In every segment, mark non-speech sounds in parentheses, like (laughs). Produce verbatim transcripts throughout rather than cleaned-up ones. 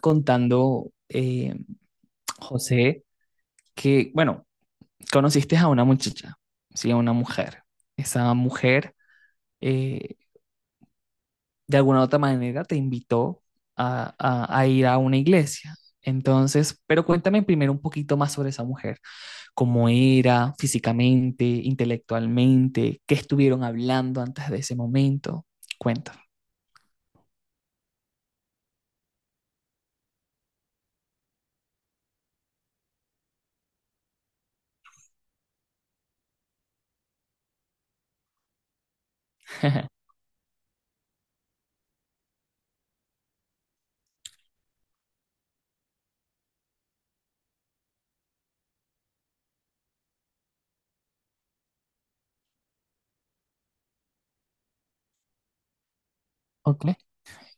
Contando, eh, José, que, bueno, conociste a una muchacha, sí, a una mujer. Esa mujer, eh, de alguna u otra manera, te invitó a, a- a ir a una iglesia. Entonces, pero cuéntame primero un poquito más sobre esa mujer, cómo era físicamente, intelectualmente, qué estuvieron hablando antes de ese momento. Cuéntame. Ok.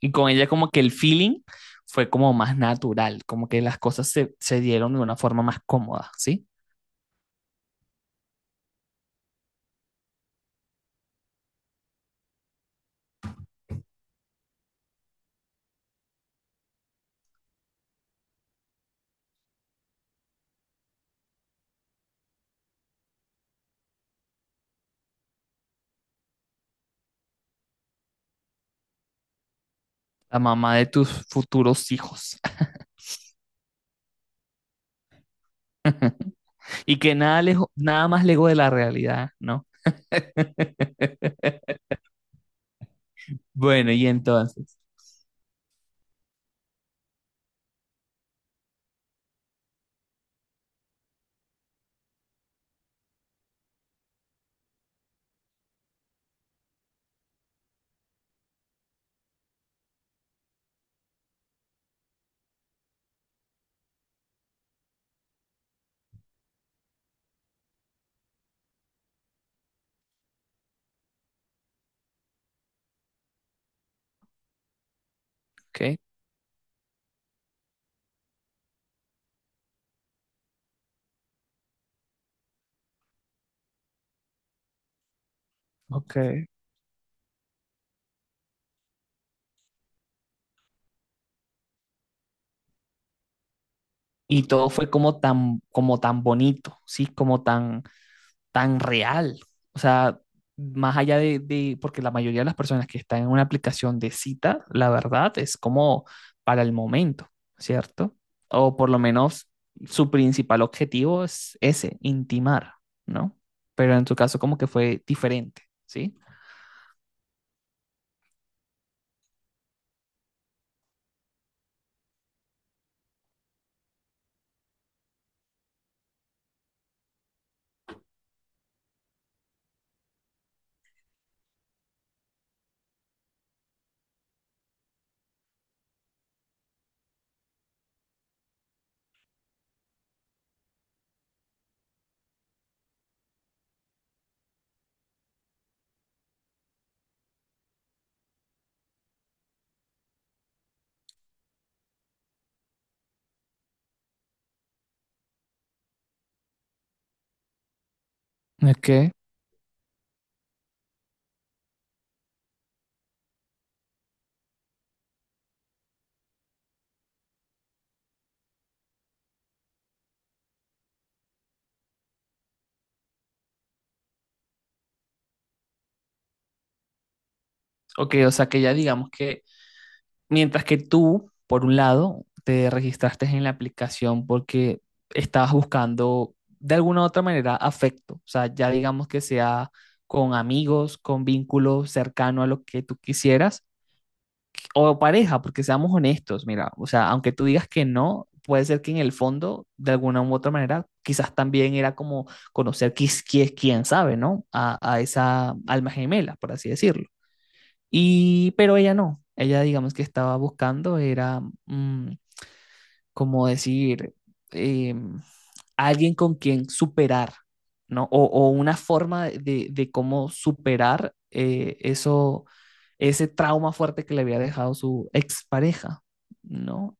Y con ella como que el feeling fue como más natural, como que las cosas se, se dieron de una forma más cómoda, ¿sí? La mamá de tus futuros hijos. (laughs) Y que nada, lejo- nada más lejos de la realidad, ¿no? (laughs) Bueno, y entonces, ¿ok? Ok. Y todo fue como tan, como tan bonito, ¿sí? Como tan, tan real. O sea, más allá de, de, porque la mayoría de las personas que están en una aplicación de cita, la verdad es como para el momento, ¿cierto? O por lo menos su principal objetivo es ese, intimar, ¿no? Pero en tu caso como que fue diferente, ¿sí? Es que, ok, o sea que ya digamos que mientras que tú, por un lado, te registraste en la aplicación porque estabas buscando de alguna u otra manera afecto, o sea, ya digamos que sea con amigos, con vínculos cercano a lo que tú quisieras, o pareja, porque seamos honestos, mira, o sea, aunque tú digas que no, puede ser que en el fondo, de alguna u otra manera, quizás también era como conocer, quién, quién sabe, ¿no? A, a esa alma gemela, por así decirlo. Y, pero ella no, ella digamos que estaba buscando, era mm, como decir, em, alguien con quien superar, ¿no? O, o una forma de, de cómo superar eh, eso, ese trauma fuerte que le había dejado su expareja, ¿no?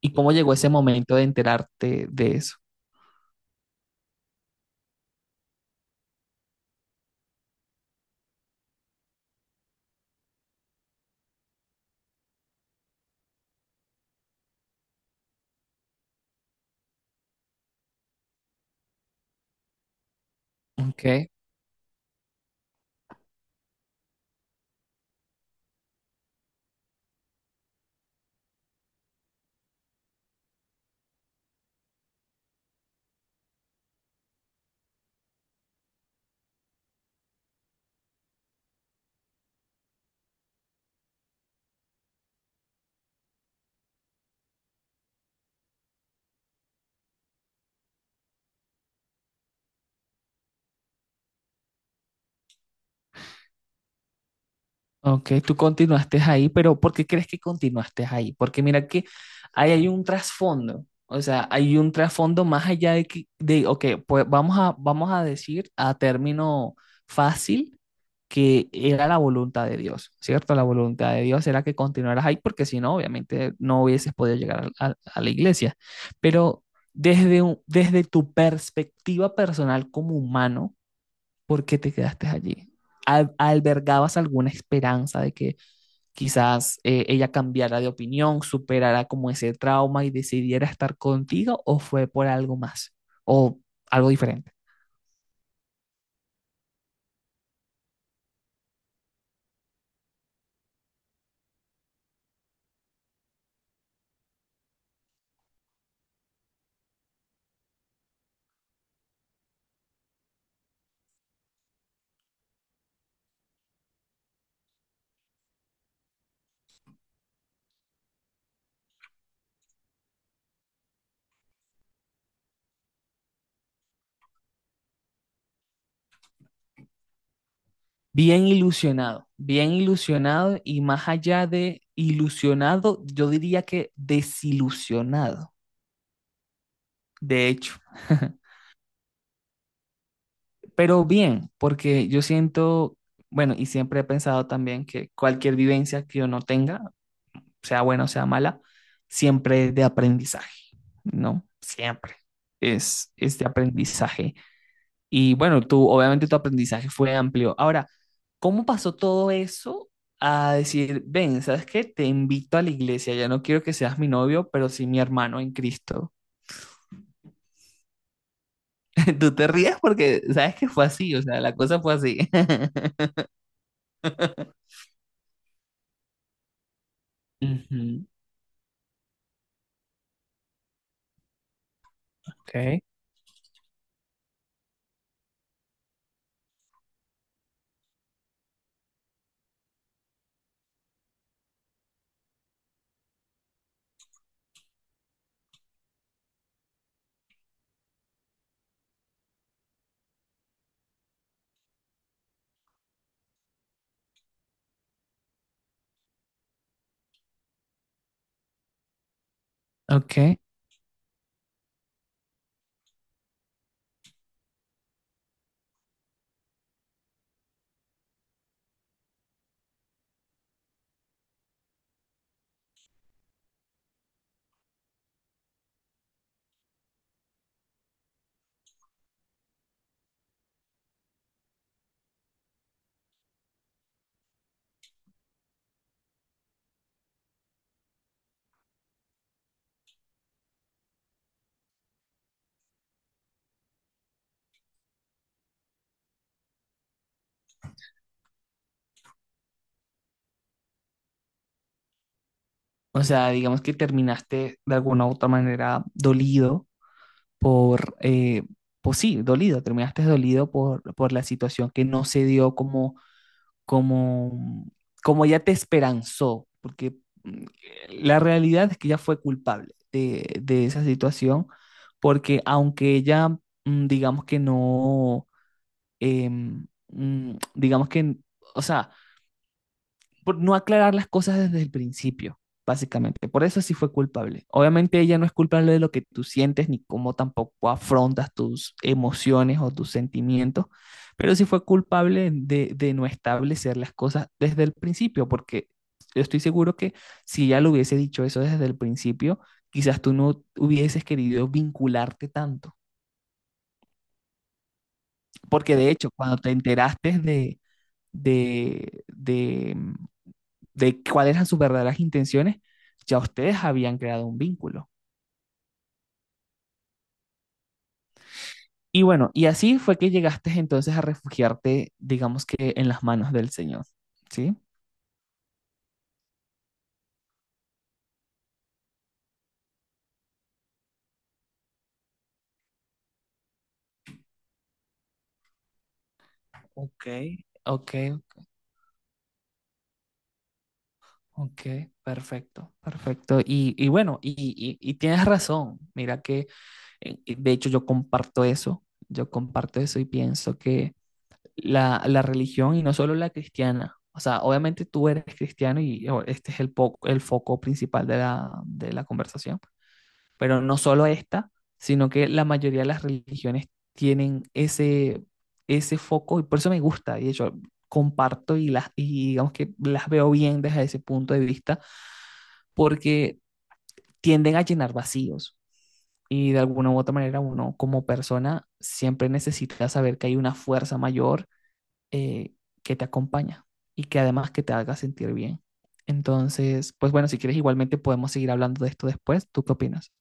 Y cómo llegó ese momento de enterarte de eso. Ok. Ok, tú continuaste ahí, pero ¿por qué crees que continuaste ahí? Porque mira que ahí hay un trasfondo, o sea, hay un trasfondo más allá de que, de, ok, pues vamos a, vamos a decir a término fácil que era la voluntad de Dios, ¿cierto? La voluntad de Dios era que continuaras ahí, porque si no, obviamente no hubieses podido llegar a, a- a la iglesia. Pero desde, un- desde tu perspectiva personal como humano, ¿por qué te quedaste allí? Al- ¿Albergabas alguna esperanza de que quizás eh, ella cambiara de opinión, superara como ese trauma y decidiera estar contigo o fue por algo más o algo diferente? Bien ilusionado, bien ilusionado y más allá de ilusionado, yo diría que desilusionado, de hecho. (laughs) Pero bien, porque yo siento, bueno, y siempre he pensado también que cualquier vivencia que uno tenga sea buena o sea mala, siempre es de aprendizaje, ¿no? Siempre es, es de aprendizaje. Y bueno, tú, obviamente tu aprendizaje fue amplio. Ahora, ¿cómo pasó todo eso a decir, ven, ¿sabes qué? Te invito a la iglesia, ya no quiero que seas mi novio, pero sí mi hermano en Cristo. (laughs) Tú te ríes porque sabes que fue así, o sea, la cosa fue así. (laughs) Ujú. Ok. Ok. O sea, digamos que terminaste de alguna u otra manera dolido por, eh, pues sí, dolido, terminaste dolido por, por la situación que no se dio como, como, como ya te esperanzó, porque mm, la realidad es que ella fue culpable de, de esa situación, porque aunque ella, mm, digamos que no, em, mm, digamos que, o sea, por no aclarar las cosas desde el principio, básicamente. Por eso sí fue culpable. Obviamente ella no es culpable de lo que tú sientes ni cómo tampoco afrontas tus emociones o tus sentimientos, pero sí fue culpable de, de no establecer las cosas desde el principio, porque yo estoy seguro que si ella lo hubiese dicho eso desde el principio, quizás tú no hubieses querido vincularte tanto. Porque de hecho, cuando te enteraste de, de, de, de cuáles eran sus verdaderas intenciones, ya ustedes habían creado un vínculo. Y bueno, y así fue que llegaste entonces a refugiarte, digamos que en las manos del Señor, ¿sí? Ok. Ok, ok, perfecto, perfecto. Y, y bueno, y, y- y tienes razón. Mira que, eh, eh, de hecho, yo comparto eso, yo comparto eso y pienso que la, la religión y no solo la cristiana, o sea, obviamente tú eres cristiano y oh, este es el, po- el foco principal de la, de la conversación, pero no solo esta, sino que la mayoría de las religiones tienen ese, ese foco y por eso me gusta. Y yo comparto y, las, y digamos que las veo bien desde ese punto de vista, porque tienden a llenar vacíos. Y de alguna u otra manera uno como persona siempre necesita saber que hay una fuerza mayor eh, que te acompaña y que además que te haga sentir bien. Entonces, pues bueno, si quieres igualmente podemos seguir hablando de esto después. ¿Tú qué opinas?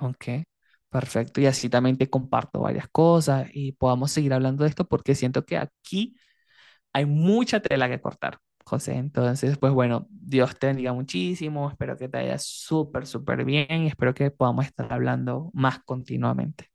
Ok, perfecto. Y así también te comparto varias cosas y podamos seguir hablando de esto porque siento que aquí hay mucha tela que cortar, José. Entonces, pues bueno, Dios te bendiga muchísimo. Espero que te vaya súper, súper bien y espero que podamos estar hablando más continuamente.